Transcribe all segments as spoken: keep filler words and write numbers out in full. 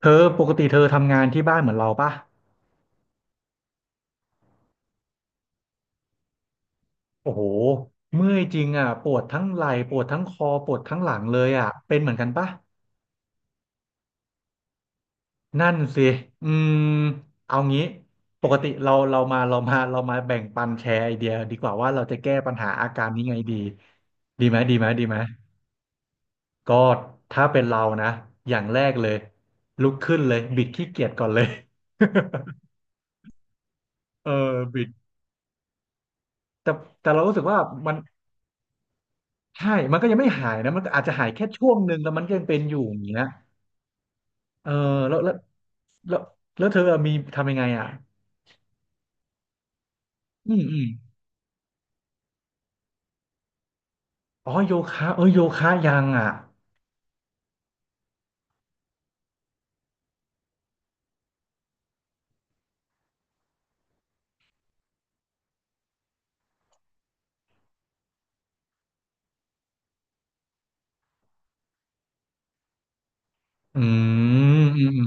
เธอปกติเธอทำงานที่บ้านเหมือนเราป่ะโอ้โหเมื่อยจริงอ่ะปวดทั้งไหล่ปวดทั้งคอปวดทั้งหลังเลยอ่ะเป็นเหมือนกันป่ะนั่นสิอืมเอางี้ปกติเราเรามาเรามาเรามาแบ่งปันแชร์ไอเดียดีกว่าว่าเราจะแก้ปัญหาอาการนี้ไงดีดีไหมดีไหมดีไหมก็ถ้าเป็นเรานะอย่างแรกเลยลุกขึ้นเลยบิดขี้เกียจก่อนเลย เออบิดแต่แต่เรารู้สึกว่ามัน ใช่มันก็ยังไม่หายนะมันก็อาจจะหายแค่ช่วงหนึ่งแล้วมันก็ยังเป็นอยู่อย่างเงี้ยเออแล้วแล้วแล้วแล้วเธอมีทำยังไงอ่ะอืมอืมอ๋อโยคะเออโยคะยังอ่ะอืมอืม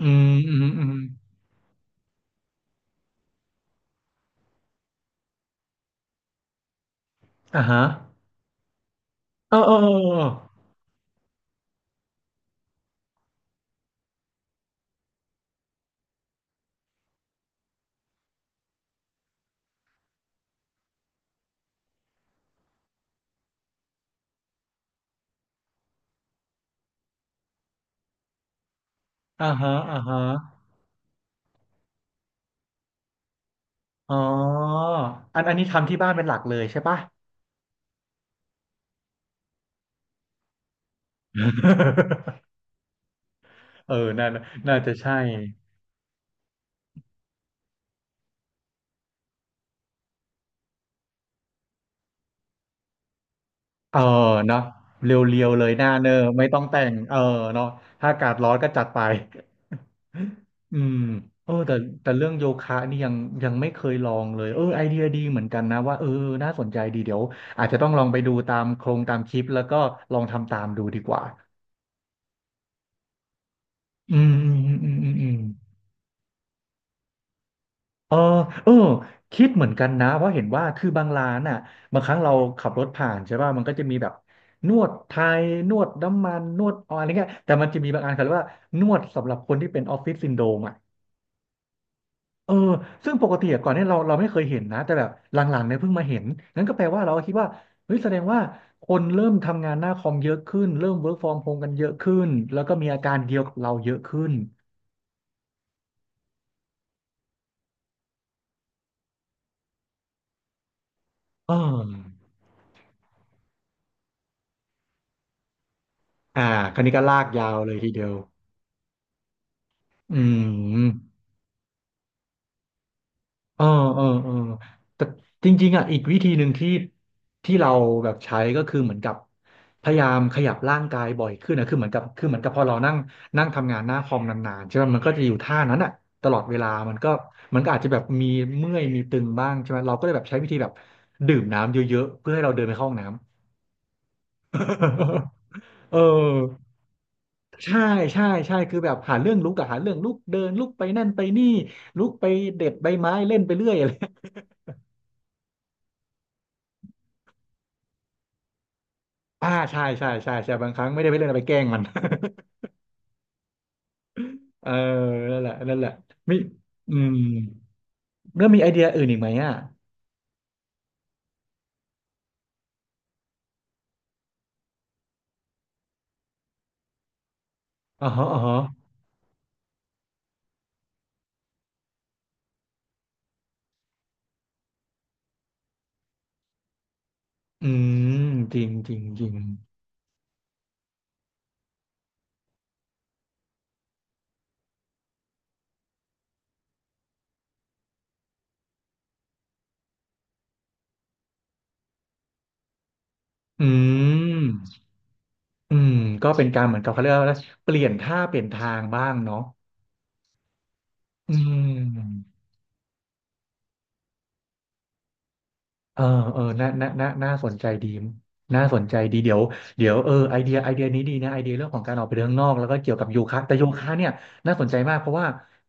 อืมอืมอืมอ่าฮะเออเออเออเอออ่าฮะอ่าฮะอ๋ออันอันนี้ทำที่บ้านเป็นหลักเลยใช่ปะ เออน่าน่าจะใช่เออเนาะเรียวๆเลยหน้าเนอะไม่ต้องแต่ง เออเนาะถ้าอากาศร้อนก็จัดไป อืมเออแต่แต่เรื่องโยคะนี่ยังยังไม่เคยลองเลยเออไอเดียดีเหมือนกันนะว่าเออน่าสนใจดีเดี๋ยวอาจจะต้องลองไปดูตามโครงตามคลิปแล้วก็ลองทำตามดูดีกว่าอืมอืมอืมอืมอืมเออเออคิดเหมือนกันนะเพราะเห็นว่าคือบางร้านอ่ะบางครั้งเราขับรถผ่านใช่ป่ะมันก็จะมีแบบนวดไทยนวดน้ำมันนวดออยอะไรเงี้ยแต่มันจะมีบางอันเขาเรียกว่านวดสำหรับคนที่เป็นออฟฟิศซินโดรมอ่ะ เออซึ่งปกติอะก่อนเนี่ยเราเราไม่เคยเห็นนะ แต่แบบหลังๆเนี่ยเพิ่งมาเห็นนั้นก็แปลว่าเราก็คิดว่าเฮ้ยแสดงว่าคนเริ่มทำงานหน้าคอมเยอะขึ้น เริ่ม work from home กันเยอะขึ้น แล้วก็มีอาการเดียวกับเราเยอะขึ้นเอออ่าคราวนี้ก็ลากยาวเลยทีเดียวอืม เออเออเออแต่จริงๆอ่ะอีกวิธีหนึ่งที่ที่เราแบบใช้ก็คือเหมือนกับพยายามขยับร่างกายบ่อยขึ้นนะคือเหมือนกับคือเหมือนกับพอเรานั่งนั่งทำงานหน้าคอมนานๆใช่ไหมมันก็จะอยู่ท่านั้นอ่ะตลอดเวลามันก็มันก็อาจจะแบบมีเมื่อยมีตึงบ้างใช่ไหมเราก็เลยแบบใช้วิธีแบบดื่มน้ำเยอะๆเพื่อให้เราเดินไปเข้าห้องน้ำ เออใช่ใช่ใช่คือแบบหาเรื่องลุกอะหาเรื่องลุกเดินลุกไปนั่นไปนี่ลุกไปเด็ดใบไม้เล่นไปเรื่อยอะไร อ่าใช่ใช่ใช่ใช่บางครั้งไม่ได้ไปเล่นเอาไปแกล้งมัน เออนั่นแหละนั่นแหละมีอืมแล้วมีไอเดียอื่นอีกไหมอ่ะอ๋อฮะอ๋อฮะอืมจริงจริงจริงอืมอืมก็เป็นการเหมือนกับเขาเรียกว่าอะไรเปลี่ยนท่าเปลี่ยนทางบ้างเนาะอืม เออเออน่าน่าน่าน่าสนใจดีน่าสนใจดีเดี๋ยวเดี๋ยวเออไอเดียไอเดียนี้ดีนะไอเดียเรื่องของการออกไปเดินข้างนอกแล้วก็เกี่ยวกับโยคะแต่โยคะเนี่ยน่าสนใจมากเพราะว่า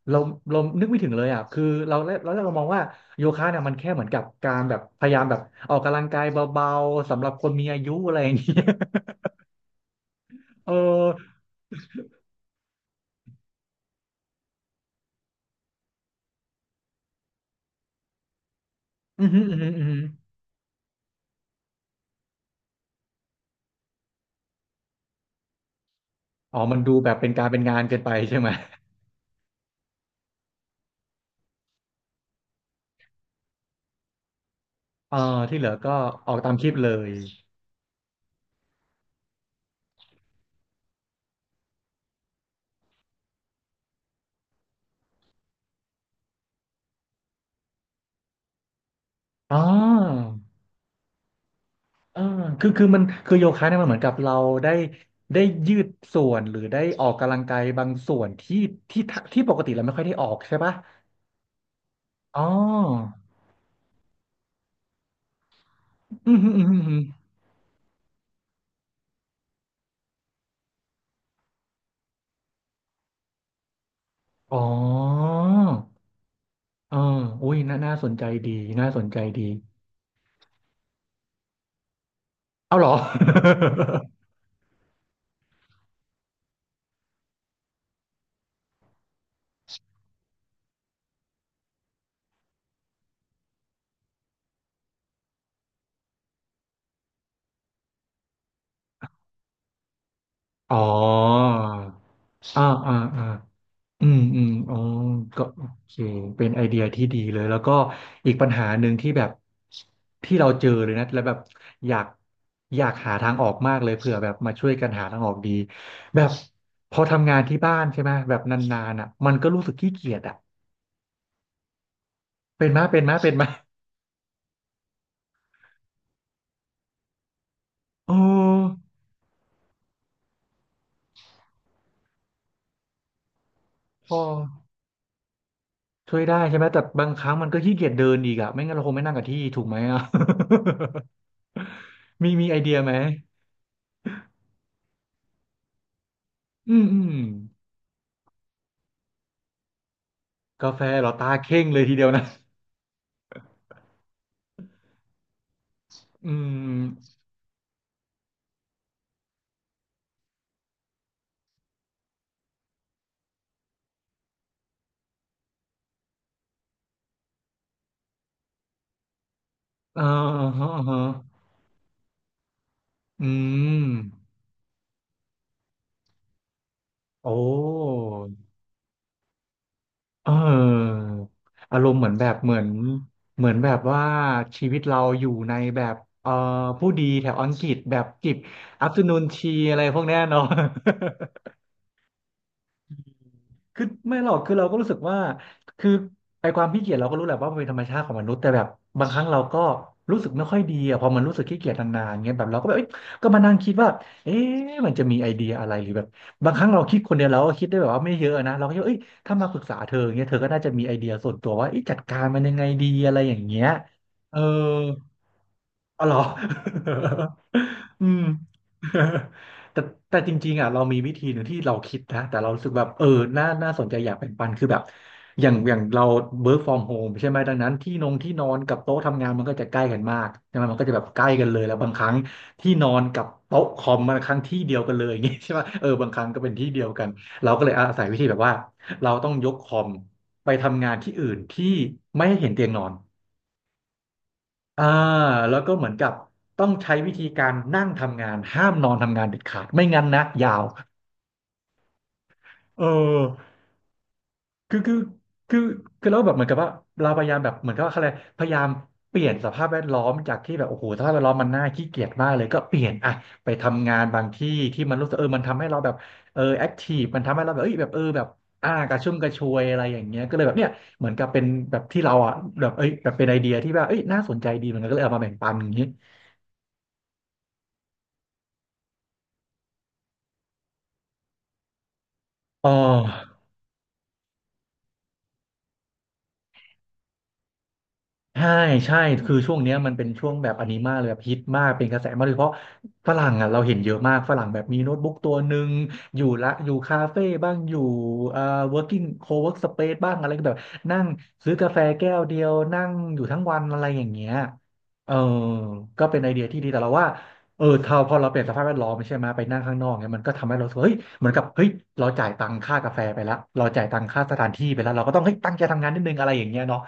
เราเรานึกไม่ถึงเลยอ่ะคือเราเราเรามองว่าโยคะเนี่ยมันแค่เหมือนกับการแบบพยายามแบบออกกำลังกายเบาๆสำหรับคนมีอายุอะไรอย่างเงี้ย เอออือหืออือหืออือหืออ๋อมันดูแบบเป็นการเป็นงานเกินไปใช่ไหมเออที่เหลือก็ออกตามคลิปเลยอ๋อ เออคือคือมันคือโยคะเนี่ยมันเหมือนกับเราได้ได้ยืดส่วน หรือได้ออกกำลังกายบางส่วนที่ที่ที่ปกติเราไม่ค่อยได้ออกใช่ปะอ๋ออืมอืมอืมอมอ๋อเอออุ้ยน่าน่าสนใจดี น่าสนใจดี เอาเหรอ อ๋ออ่าอ่าอ่า อืมอืมอ๋อก็โอเคเป็นไอเดียที่ดีเลยแล้วก็อีกปัญหาหนึ่งที่แบบที่เราเจอเลยนะแล้วแบบอยากอยากหาทางออกมากเลยเผื่อแบบมาช่วยกันหาทางออกดีแบบพอทำงานที่บ้านใช่ไหมแบบนานๆอ่ะมันก็รู้สึกขี้เกียจอ่ะเป็นมะเป็นมะเป็นมะโอ้พอช่วยได้ใช่ไหมแต่บางครั้งมันก็ขี้เกียจเดินอีกอ่ะไม่งั้นเราคงไม่นั่งกับที่ถูกไหมอ่ะ มีมีไอเดียไหมอืมอืม กาแฟเหรอตาเข่งเลยทีเดียวนะ อืมอ่าฮะอ่าฮะอืมโอ้เอออารมณ์เหมือนแบบเหมือนเหมือนแบบว่าชีวิตเราอยู่ในแบบเอ่อผู้ดีแถวอังกฤษแบบจิบอัฟเตอร์นูนทีอะไรพวกเนี้ยเนาะ คือไม่หรอกคือเราก็รู้สึกว่าคือไอความขี้เกียจเราก็รู้แหละว่ามันเป็นธรรมชาติของมนุษย์แต่แบบบางครั้งเราก็รู้สึกไม่ค่อยดีอะพอมันรู้สึกขี้เกียจนานๆเงี้ยแบบเราก็แบบเอ้ยก็มานั่งคิดว่าเอ๊ะมันจะมีไอเดียอะไรหรือแบบบางครั้งเราคิดคนเดียวเราก็คิดได้แบบว่าไม่เยอะนะเราก็คิดว่าเอ้ยถ้ามาปรึกษาเธอเงี้ยเธอก็น่าจะมีไอเดียส่วนตัวว่าเอ๊ะจัดการมันยังไงดีอะไรอย่างเงี้ยเออ อ๋อเหรอ อืม แต่แต่จริงๆอ่ะเรามีวิธีหนึ่งที่เราคิดนะแต่เรารู้สึกแบบเออน่าน่าสนใจอยากแบ่งปันคือแบบอย่างอย่างเรา work from home ใช่ไหมดังนั้นที่นงที่นอนกับโต๊ะทำงานมันก็จะใกล้กันมากใช่ไหมมันก็จะแบบใกล้กันเลยแล้วบางครั้งที่นอนกับโต๊ะคอมบางครั้งที่เดียวกันเลย อย่างงี้ใช่ป่ะเออบางครั้งก็เป็นที่เดียวกันเราก็เลยอาศัยวิธีแบบว่าเราต้องยกคอมไปทำงานที่อื่นที่ไม่ให้เห็นเตียงนอน อ่าแล้วก็เหมือนกับต้องใช้วิธีการนั่งทำงานห้ามนอนทำงานเด็ดขาดไม่งั้นนะยาวเออคือคือคือคือแล้วแบบเหมือนกับว่าเราพยายามแบบเหมือนกับว่าอะไรพยายามเปลี่ยนสภาพแวดล้อมจากที่แบบโอ้โหสภาพแวดล้อมมันน่าขี้เกียจมากเลยก็เปลี่ยนอะไปทำงานบางที่ที่มันรู้สึกเออมันทำให้เราแบบเออแอคทีฟมันทำให้เราแบบเอ้ยแบบเออแบบอ่ากระชุ่มกระชวยอะไรอย่างเงี้ยก็เลยแบบเนี่ยเหมือนกับเป็นแบบที่เราอ่ะแบบเอ้ยแบบเป็นไอเดียที่แบบเอ้ยน่าสนใจดีเหมือนกันก็เลยเอามาแบ่งปันอย่างงี้อ๋อ ใช่ใช่คือช่วงเนี้ยมันเป็นช่วงแบบอันนี้มากเลยแบบฮิตมากเป็นกระแสมากโดยเฉพาะฝรั่งอ่ะเราเห็นเยอะมากฝรั่งแบบมีโน้ตบุ๊กตัวหนึ่งอยู่ละอยู่คาเฟ่บ้างอยู่เอ่อ working co-work space บ้างอะไรก็แบบนั่งซื้อกาแฟแก้วเดียวนั่งอยู่ทั้งวันอะไรอย่างเงี้ยเออก็เป็นไอเดียที่ดีแต่เราว่าเออถ้าพอเราเปลี่ยนสภาพแวดล้อมใช่ไหมไปนั่งข้างนอกเนี่ยมันก็ทำให้เรารู้สึกว่าเฮ้ยเหมือนกับเฮ้ยเราจ่ายตังค่ากาแฟไปแล้วเราจ่ายตังค่าสถานที่ไปแล้วเราก็ต้องเฮ้ยตั้งใจทำงานนิดนึงอะไรอย่างเงี้ยเนาะ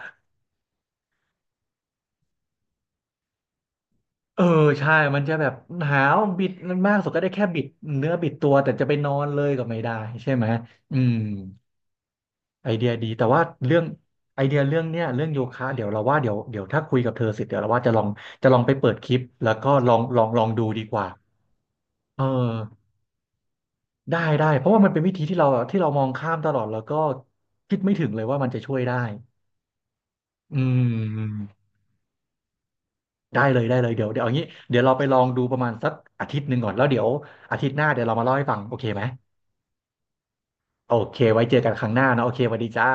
เออใช่มันจะแบบหนาวบิดมากสุดก็ได้แค่บิดเนื้อบิดตัวแต่จะไปนอนเลยก็ไม่ได้ใช่ไหมอืมไอเดียดีแต่ว่าเรื่องไอเดียเรื่องเนี้ยเรื่องโยคะเดี๋ยวเราว่าเดี๋ยวเดี๋ยวถ้าคุยกับเธอเสร็จเดี๋ยวเราว่าจะลองจะลองไปเปิดคลิปแล้วก็ลองลองลองดูดีกว่าเออได้ได้เพราะว่ามันเป็นวิธีที่เราที่เรามองข้ามตลอดแล้วก็คิดไม่ถึงเลยว่ามันจะช่วยได้อืมได้เลยได้เลยเดี๋ยวเดี๋ยวเอางี้เดี๋ยวเราไปลองดูประมาณสักอาทิตย์หนึ่งก่อนแล้วเดี๋ยวอาทิตย์หน้าเดี๋ยวเรามาเล่าให้ฟังโอเคไหม โอเค ไว้เจอกันครั้งหน้านะโอเคสวัสดีจ้า